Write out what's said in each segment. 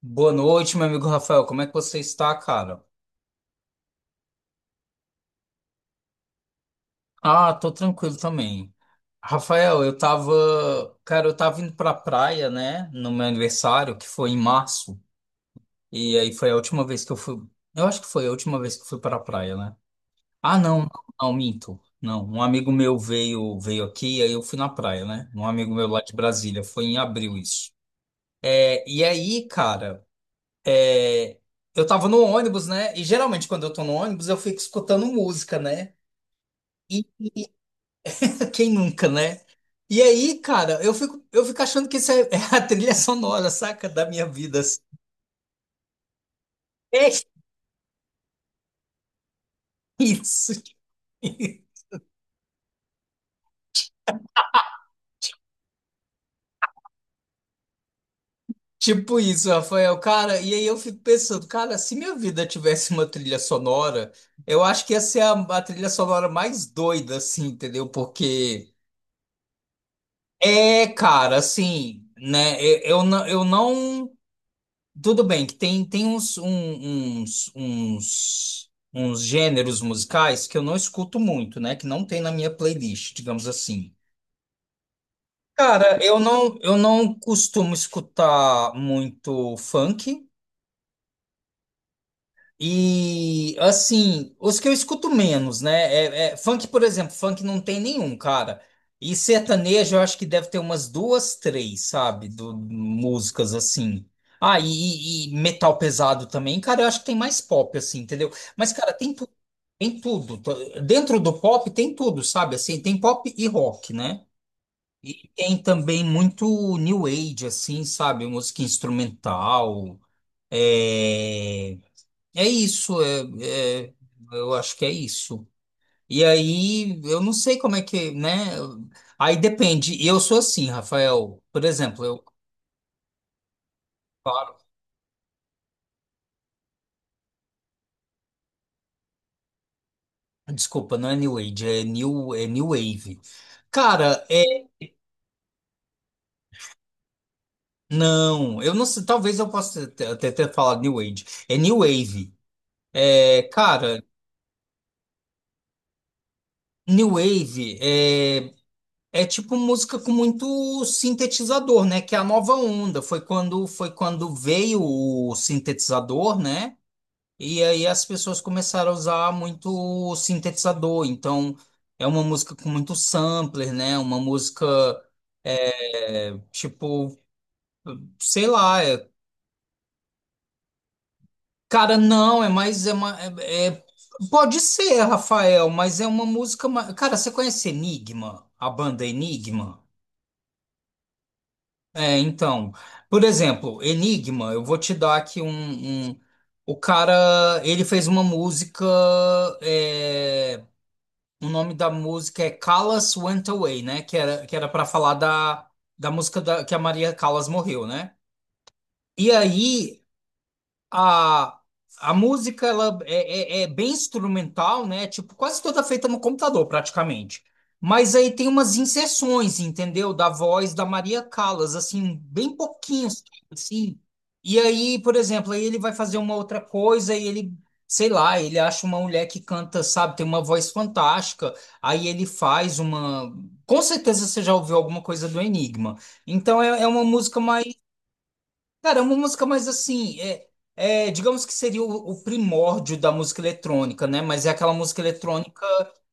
Boa noite, meu amigo Rafael. Como é que você está, cara? Ah, tô tranquilo também. Rafael, cara, eu tava indo pra praia, né, no meu aniversário, que foi em março. E aí foi a última vez que eu fui, eu acho que foi a última vez que eu fui pra praia, né? Ah, não, não, minto. Não, um amigo meu veio aqui, aí eu fui na praia, né? Um amigo meu lá de Brasília, foi em abril isso. É, e aí, cara, é, eu tava no ônibus, né? E geralmente quando eu tô no ônibus, eu fico escutando música, né? Quem nunca, né? E aí, cara, eu fico achando que isso é, é a trilha sonora, saca? Da minha vida, assim. É isso. Tipo isso, Rafael. Cara, e aí eu fico pensando, cara, se minha vida tivesse uma trilha sonora, eu acho que ia ser a trilha sonora mais doida, assim, entendeu? Porque cara, assim, né? Eu não. Eu não. Tudo bem, que tem, tem uns, um- uns, uns, uns gêneros musicais que eu não escuto muito, né? Que não tem na minha playlist, digamos assim. Cara, eu não costumo escutar muito funk. E assim, os que eu escuto menos, né? Funk, por exemplo, funk não tem nenhum, cara. E sertanejo eu acho que deve ter umas duas, três, sabe? Do, músicas assim. Ah, e, e metal pesado também, cara, eu acho que tem mais pop, assim, entendeu? Mas, cara, tem tudo, tem tudo. Dentro do pop tem tudo, sabe? Assim, tem pop e rock, né? E tem também muito new age, assim, sabe? Música instrumental. É. É isso, é- eu acho que é isso. E aí, eu não sei como é que, né? Aí depende. E eu sou assim, Rafael. Por exemplo, eu. Claro. Desculpa, não é New Age, é New Wave. Cara, é. Não, eu não sei. Talvez eu possa até ter falado New Age. É New Wave. É, cara, New Wave é. É tipo música com muito sintetizador, né? Que é a nova onda. Foi quando veio o sintetizador, né? E aí as pessoas começaram a usar muito sintetizador, então é uma música com muito sampler, né? Uma música é, tipo, sei lá, cara, não, é mais é uma pode ser, Rafael, mas é uma música, cara, você conhece Enigma, a banda Enigma? É, então, por exemplo, Enigma, eu vou te dar aqui um, um. O cara, ele fez uma música, é. O nome da música é Callas Went Away, né? Que era para falar da, da música da, que a Maria Callas morreu, né? E aí a, a música ela é, é bem instrumental, né? Tipo, quase toda feita no computador, praticamente. Mas aí tem umas inserções, entendeu? Da voz da Maria Callas, assim, bem pouquinho, sabe? Assim. E aí, por exemplo, aí ele vai fazer uma outra coisa e ele, sei lá, ele acha uma mulher que canta, sabe, tem uma voz fantástica. Aí ele faz uma. Com certeza você já ouviu alguma coisa do Enigma. Então é, é uma música. Cara, é uma música mais assim, é, é, digamos que seria o primórdio da música eletrônica, né? Mas é aquela música eletrônica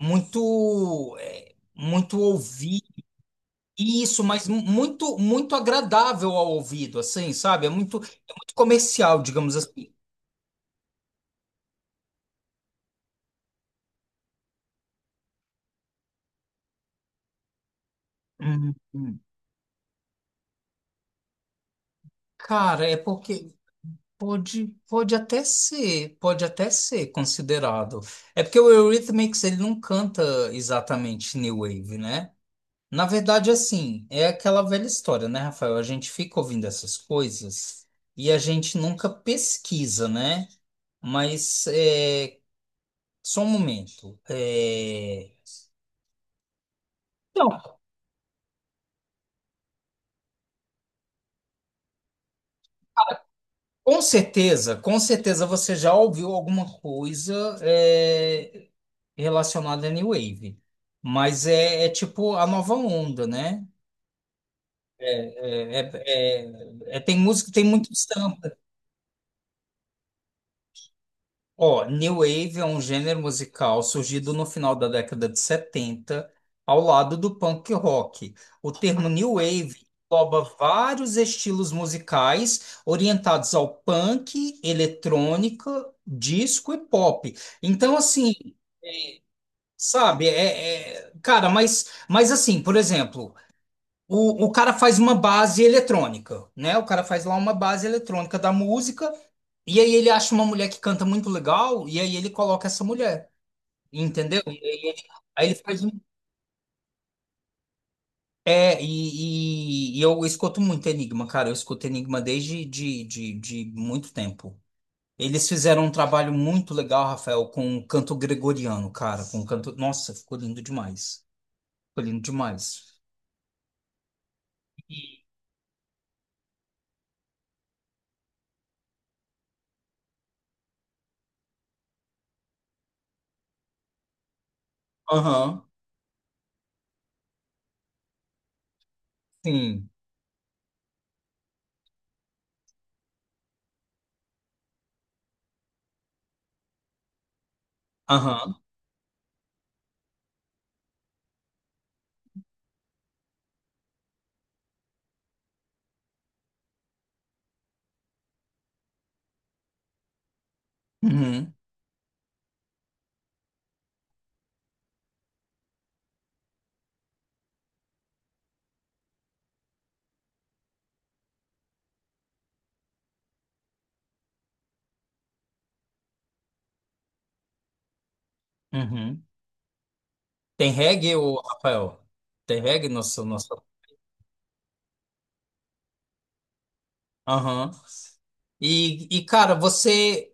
muito, é, muito ouvir isso, mas muito, muito agradável ao ouvido, assim, sabe? É muito comercial, digamos assim. Uhum. Cara, é porque pode até ser considerado. É porque o Eurythmics ele não canta exatamente New Wave, né? Na verdade, assim, é aquela velha história, né, Rafael? A gente fica ouvindo essas coisas e a gente nunca pesquisa, né? Mas é, só um momento. É. Não, com certeza você já ouviu alguma coisa é, relacionada à New Wave. Mas é, é tipo a nova onda, né? É, é- Tem música, tem muitos. Ó, New Wave é um gênero musical surgido no final da década de 70, ao lado do punk rock. O termo New Wave engloba vários estilos musicais orientados ao punk, eletrônica, disco e pop. Então, assim, sabe, cara, mas assim, por exemplo, o cara faz uma base eletrônica, né? O cara faz lá uma base eletrônica da música, e aí ele acha uma mulher que canta muito legal, e aí ele coloca essa mulher, entendeu? E aí ele faz um. É, e, e eu escuto muito Enigma, cara. Eu escuto Enigma desde de muito tempo. Eles fizeram um trabalho muito legal, Rafael, com o canto gregoriano, cara. Com o canto. Nossa, ficou lindo demais. Ficou lindo demais. Aham, sim. Aham. Uhum, uhum. Tem reggae, ô, Rafael? Tem reggae no seu... no seu. Aham. E, cara, você,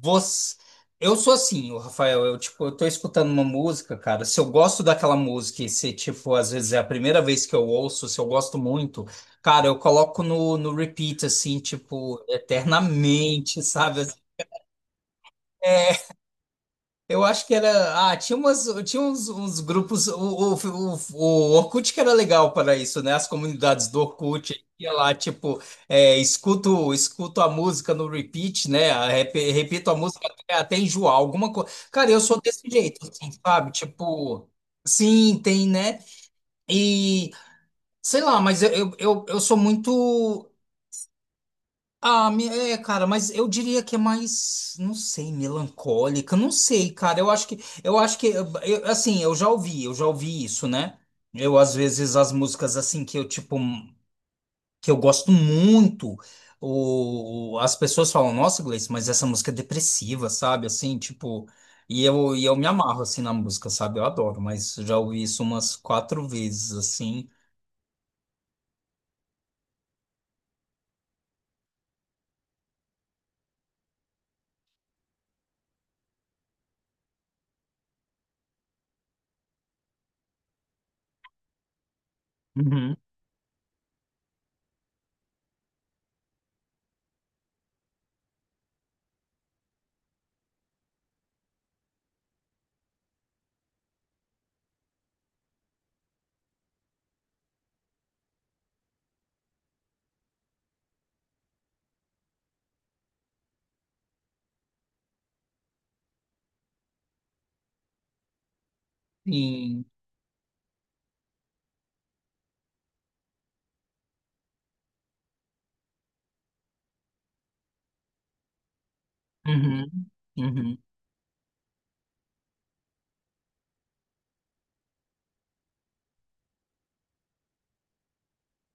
você. Eu sou assim, o Rafael. Eu, tipo, eu tô escutando uma música, cara. Se eu gosto daquela música e se, tipo, às vezes é a primeira vez que eu ouço, se eu gosto muito, cara, eu coloco no, no repeat, assim, tipo, eternamente, sabe? É. Eu acho que era. Ah, tinha uns grupos. O Orkut que era legal para isso, né? As comunidades do Orkut. Ia lá, tipo, é, escuto, escuto a música no repeat, né? Repito a música até, até enjoar, alguma coisa. Cara, eu sou desse jeito, assim, sabe? Tipo, sim, tem, né? E sei lá, mas eu sou muito. Ah, é, cara, mas eu diria que é mais, não sei, melancólica, não sei, cara. Eu acho que, assim, eu já ouvi isso, né? Eu às vezes as músicas assim que eu tipo que eu gosto muito, o, as pessoas falam, nossa, Gleice, mas essa música é depressiva, sabe? Assim, tipo, e eu me amarro assim na música, sabe? Eu adoro, mas já ouvi isso umas quatro vezes assim. Uhum. Sim. Uhum. Uhum.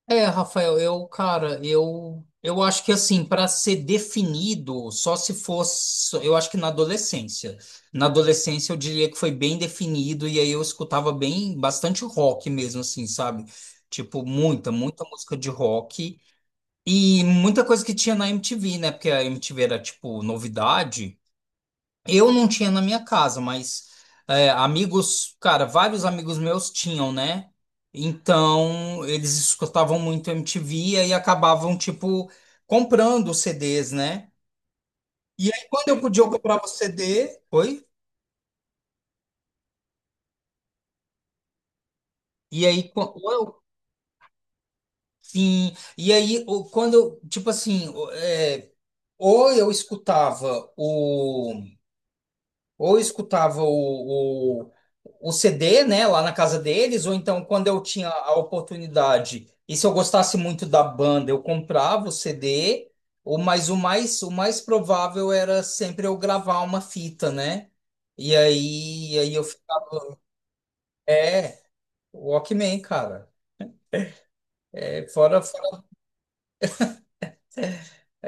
É, Rafael, eu, cara, eu acho que assim, para ser definido, só se fosse, eu acho que na adolescência. Na adolescência eu diria que foi bem definido e aí eu escutava bem, bastante rock mesmo assim, sabe? Tipo, muita, muita música de rock e muita coisa que tinha na MTV, né? Porque a MTV era tipo novidade. Eu não tinha na minha casa, mas é, amigos, cara, vários amigos meus tinham, né? Então eles escutavam muito MTV e aí acabavam, tipo, comprando os CDs, né? E aí quando eu podia, eu comprava o CD, oi. E aí, ou eu. Sim. E aí, quando, eu, tipo assim, é, ou eu escutava ou eu escutava o CD, né, lá na casa deles, ou então quando eu tinha a oportunidade, e se eu gostasse muito da banda, eu comprava o CD, ou, mas o mais provável era sempre eu gravar uma fita, né? E aí, aí eu. É, Walkman, cara. É, fora.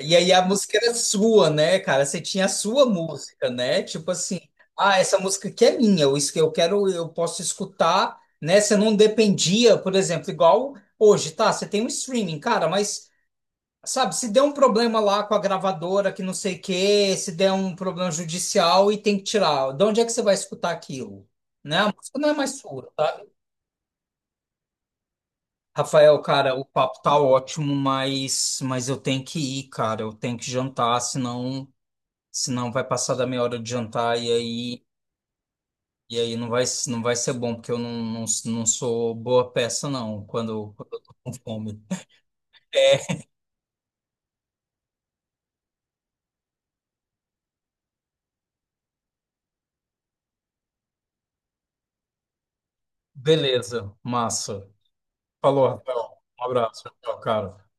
E aí a música era sua, né, cara? Você tinha a sua música, né? Tipo assim, ah, essa música aqui é minha, eu quero, eu posso escutar, né? Você não dependia, por exemplo, igual hoje, tá? Você tem um streaming, cara, mas sabe, se der um problema lá com a gravadora, que não sei o quê, se der um problema judicial e tem que tirar, de onde é que você vai escutar aquilo? Né? A música não é mais sua, tá? Rafael, cara, o papo tá ótimo, mas eu tenho que ir, cara. Eu tenho que jantar, senão. Senão vai passar da meia hora de jantar e aí não vai, não vai ser bom, porque eu não, não, não sou boa peça, não, quando eu tô com fome. É, beleza, massa. Falou, Rafael. Um abraço, tchau, cara.